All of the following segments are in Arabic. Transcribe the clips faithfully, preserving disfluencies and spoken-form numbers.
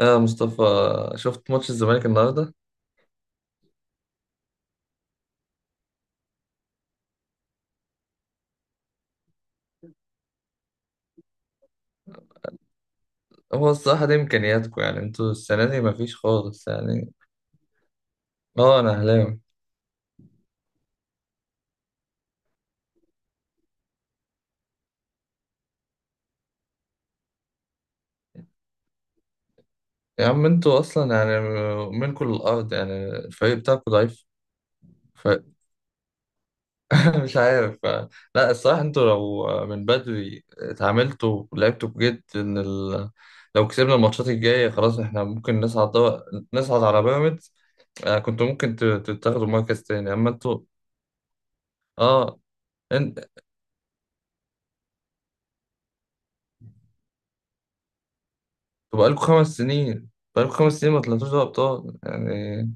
اه، مصطفى، شفت ماتش الزمالك النهارده؟ هو الصراحه دي امكانياتكم، يعني انتوا السنه دي مفيش خالص يعني. اه، انا اهلاوي. يا عم انتوا اصلا يعني منكم الارض، يعني الفريق بتاعكم ضعيف. مش عارف. لا الصراحة انتوا لو من بدري اتعاملتوا ولعبتوا بجد ان ال... لو كسبنا الماتشات الجاية خلاص احنا ممكن نصعد دو... نصعد على بيراميدز. آه، كنتوا ممكن ت- تتاخدوا مركز تاني اما انتوا. اه، انت انتوا بقالكوا خمس سنين، بقالكوا خمس سنين ما طلعتوش دوري ابطال يعني.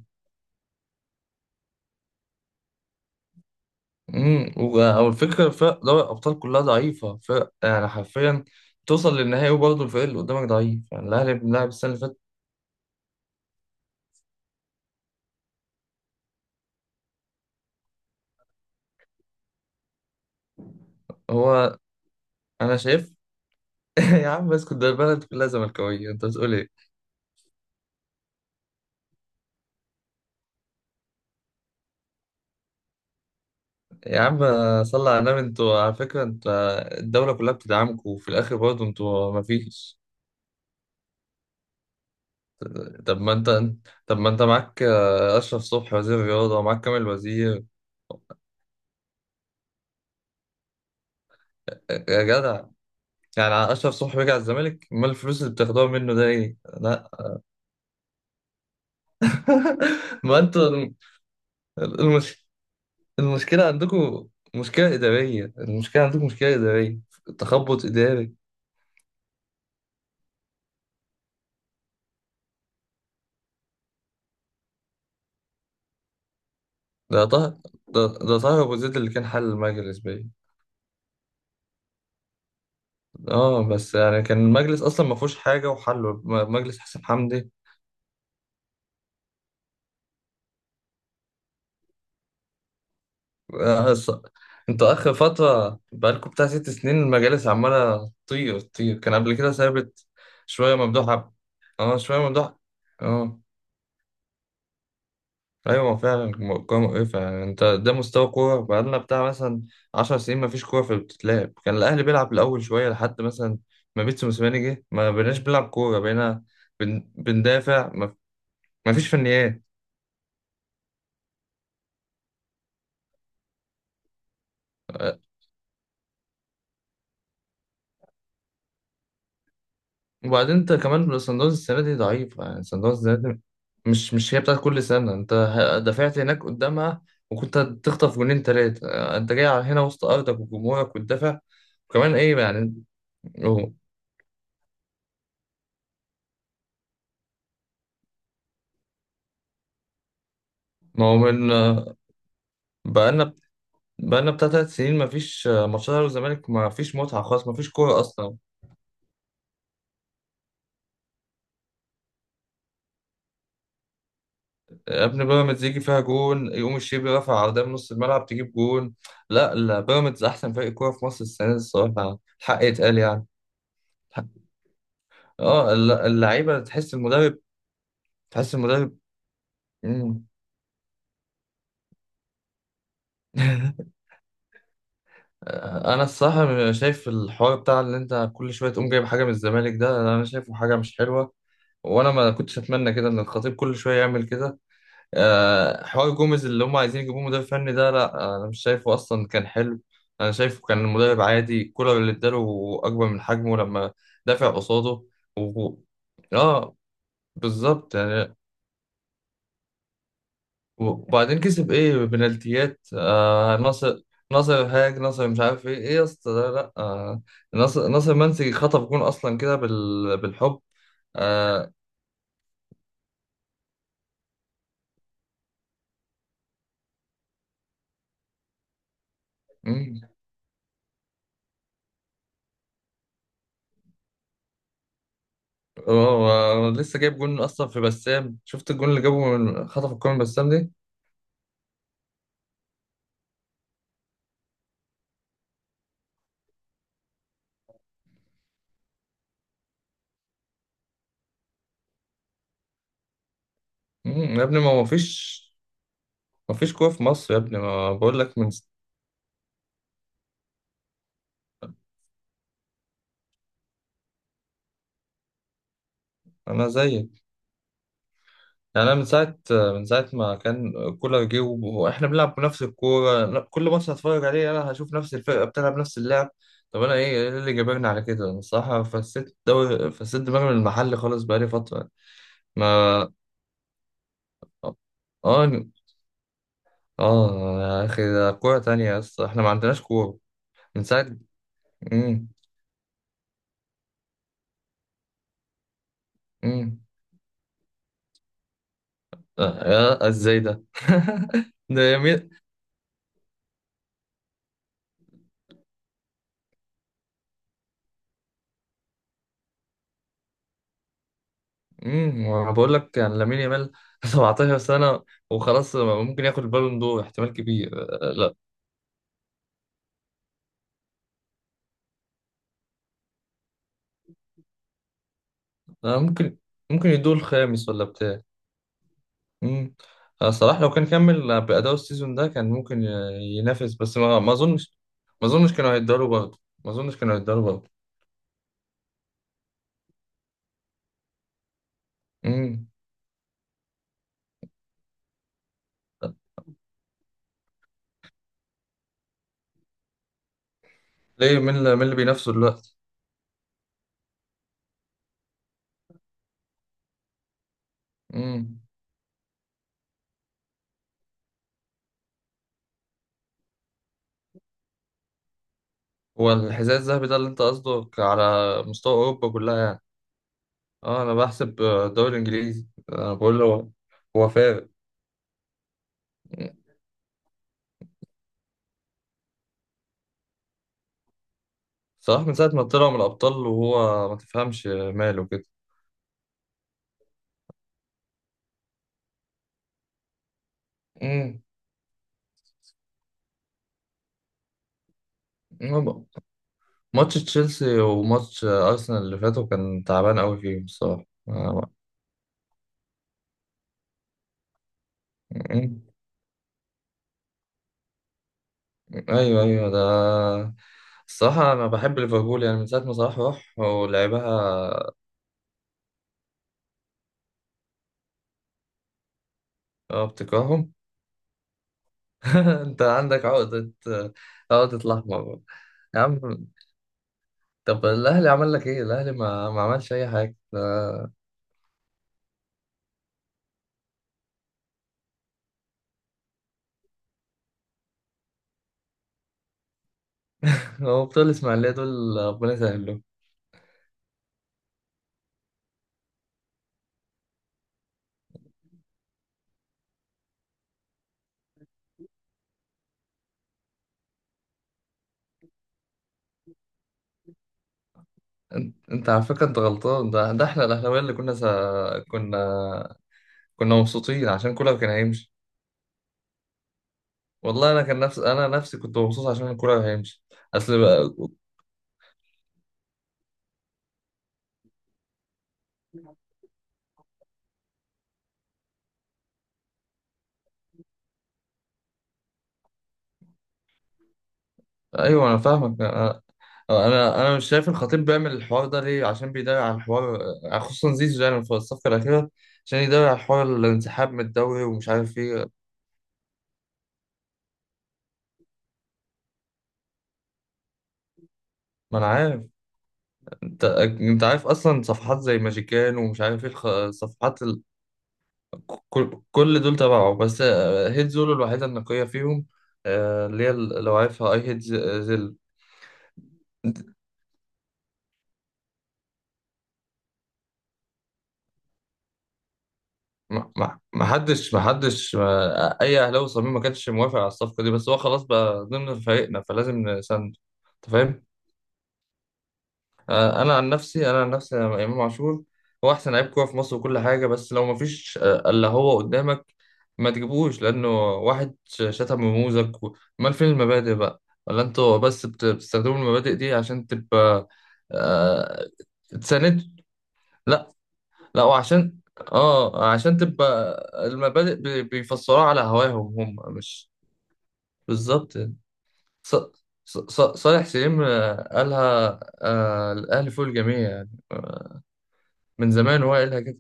امم و... او الفكرة، فرق دوري الابطال كلها ضعيفة، فرق يعني حرفيا توصل للنهائي وبرضه الفريق اللي قدامك ضعيف، يعني الاهلي بنلعب السنة اللي فاتت. هو انا شايف. يا عم اسكت، ده البلد كلها زملكاوية، انت بتقول ايه؟ يا عم صلى على النبي، انتوا على فكرة، انت الدولة كلها بتدعمكم وفي الاخر برضه انتوا مفيش. طب ما انت طب ما انت معاك آه، اشرف صبحي وزير الرياضة ومعاك كامل وزير. آه، يا جدع، يعني اشرف صبحي رجع الزمالك، ما الفلوس اللي بتاخدوها منه ده ايه؟ لا. ما انتوا الم- المش... المشكلة عندكم مشكلة إدارية، المشكلة عندكم مشكلة إدارية، تخبط إداري. ده طه ده, ده طه ابو زيد اللي كان حل المجلس باين. اه بس يعني كان المجلس اصلا ما فيهوش حاجه، وحله م- مجلس حسن حمدي. آه، ص- انتوا اخر فتره بقالكم بتاع ست سنين المجالس عماله تطير تطير، كان قبل كده ثابت. شويه ممدوح عب- اه، شويه ممدوح. اه ايوه، هو فعلا م- كوره مقرفه. يعني انت ده مستوى كوره بقالنا بتاع مثلا 10 سنين، ما فيش كوره في بتتلعب. كان الاهلي بيلعب الاول شويه لحد مثلا ما بيتسو موسيماني جه، ما بقيناش بنلعب كوره، بقينا بن... بندافع ما... ما فيش فنيات. أه، وبعدين انت كمان، صن داونز السنه دي ضعيف، يعني صن داونز السنه دي مش مش هي بتاعت كل سنه. انت ه- دافعت هناك قدامها وكنت تخطف جونين ثلاثه، انت جاي على هنا وسط ارضك وجمهورك وتدافع وكمان ايه يعني. هو- ما هو من بقالنا بقالنا بتاع تلات سنين مفيش ماتشات الاهلي والزمالك، مفيش متعه خالص، مفيش كوره اصلا. يا ابني بيراميدز يجي فيها جون يقوم الشيبي رافع عرضيه من نص الملعب تجيب جون. لا لا، بيراميدز احسن فريق كوره في مصر السنه دي، الصراحه الحق يتقال يعني. اه الل- اللعيبه تحس المدرب، تحس المدرب. مم. انا الصراحه شايف الحوار بتاع اللي انت كل شويه تقوم جايب حاجه من الزمالك ده، انا شايفه حاجه مش حلوه. وانا ما كنتش اتمنى كده ان الخطيب كل شويه يعمل كده. آه، حوار جوميز اللي هم عايزين يجيبوه مدرب فني ده، لا انا مش شايفه اصلا كان حلو. انا شايفه كان المدرب عادي، كولر اللي اداله اكبر من حجمه لما دافع قصاده. و... اه بالظبط يعني. وبعدين كسب ايه؟ بنالتيات، آه ناصر، ناصر هاج، ناصر مش عارف ايه ايه يا اسطى ده، لا آه، ناصر ناصر منسي خطف جون اصلا كده بال... بالحب. آه. مم. هو هو لسه جايب جون اصلا في بسام، شفت الجون اللي جابه من خطف الكورة من بسام دي؟ مم، يا ابني ما ما فيش ما فيش قوة في مصر يا ابني، ما بقول لك من س- انا زيك. يعني انا من ساعة من ساعة ما كان كولر جه وب- واحنا بنلعب بنفس الكورة. لا، كل ماتش هتفرج عليه انا هشوف نفس الفرقة بتلعب نفس اللعب. طب انا ايه إيه اللي جابرني على كده؟ انا الصراحة فسيت الدوري، فسيت دماغي من المحل خالص بقالي فترة. ما اه اه، يا اخي ده كورة تانية يا اسطى، احنا ما عندناش كورة من ساعة. امم امم آه، يا ازاي ده! ده يمين. امم وانا بقول لك يعني، لامين يامال 17 سنه، وخلاص ممكن ياخد البالون دور احتمال كبير. آه، لا. آه، ممكن، ممكن يدور الخامس ولا بتاع. امم آه، صلاح لو كان كمل بأداء السيزون ده كان ممكن ي- ينافس، بس ما ما اظنش. ما اظنش كانوا هيداروا برضه، ما اظنش كانوا هيداروا برضه. امم ليه؟ مين اللي مين اللي بينافسه دلوقتي؟ امم هو الحذاء الذهبي ده اللي انت قصدك على مستوى اوروبا كلها يعني؟ اه انا بحسب آه، الدوري الانجليزي، انا بقول له هو هو فارق. صلاح من ساعة ما طلع من الأبطال وهو ما تفهمش ماله كده. امم هو ماتش تشيلسي وماتش أرسنال اللي فاتوا كان تعبان أوي فيهم الصراحة، آه، أمم. أيوه أيوه، ده الصراحة أنا بحب ليفربول يعني من ساعة ما صلاح راح ولعبها. آه، بتكرههم. أنت عندك عقدة، عقدة الأحمر. يا عم طب الأهلي عمل لك إيه؟ الأهلي ما, ما عملش أي حاجة. هو بتوع الإسماعيلية دول ربنا يسهل لهم. انت انت على فكره انت غلطان، ده ده احنا الاهلاويه اللي كنا سا... كنا كنا مبسوطين عشان كولر كان هيمشي. والله انا كان نفس انا نفسي كنت مبسوط عشان كولر هيمشي. اصل بقى... ايوه انا فاهمك انا، انا انا مش شايف الخطيب بيعمل الحوار ده ليه، عشان بيدافع عن الحوار، خصوصا زيزو يعني في الصفقه الاخيره، عشان يدافع عن حوار الانسحاب من الدوري ومش عارف ايه. ما انا عارف، انت انت عارف اصلا صفحات زي ماجيكان ومش عارف ايه، الخ... صفحات. كل كل دول تبعه بس، هيد زولو الوحيدة النقية فيهم، آه، اللي هي ال- لو عارفها اي هيد زيل. ما ما- ما حدش ما حدش ما- اي اهلاوي صميم ما كانش موافق على الصفقة دي، بس هو خلاص بقى ضمن فريقنا فلازم نساند. انت فاهم؟ آه، انا عن نفسي، انا عن نفسي أنا امام عاشور هو احسن لعيب كوره في مصر وكل حاجه، بس لو ما فيش آه، الا هو قدامك ما تجيبوش، لانه واحد ش- شتم رموزك و- امال فين المبادئ بقى؟ ولا انتوا بس بت- بتستخدموا المبادئ دي عشان تبقى آه، تساند. لا لا، وعشان اه عشان تبقى المبادئ بي- بيفسروها على هواهم، هم مش بالظبط يعني. ص- ص- ص- صالح سليم آه، قالها، آه، الاهلي فوق الجميع يعني، من زمان هو قايلها كده.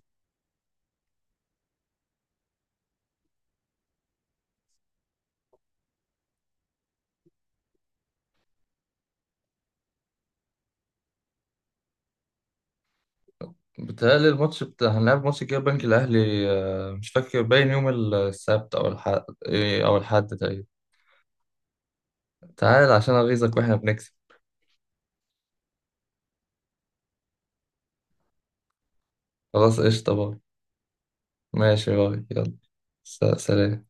بتهيألي الماتش بتاع هنلعب ماتش كده بنك الأهلي، آه، مش فاكر باين يوم السبت أو الحد، أو الحد تقريبا. تعال عشان أغيظك وإحنا بنكسب. خلاص قشطة بقى، ماشي بقى يلا. س- سلام.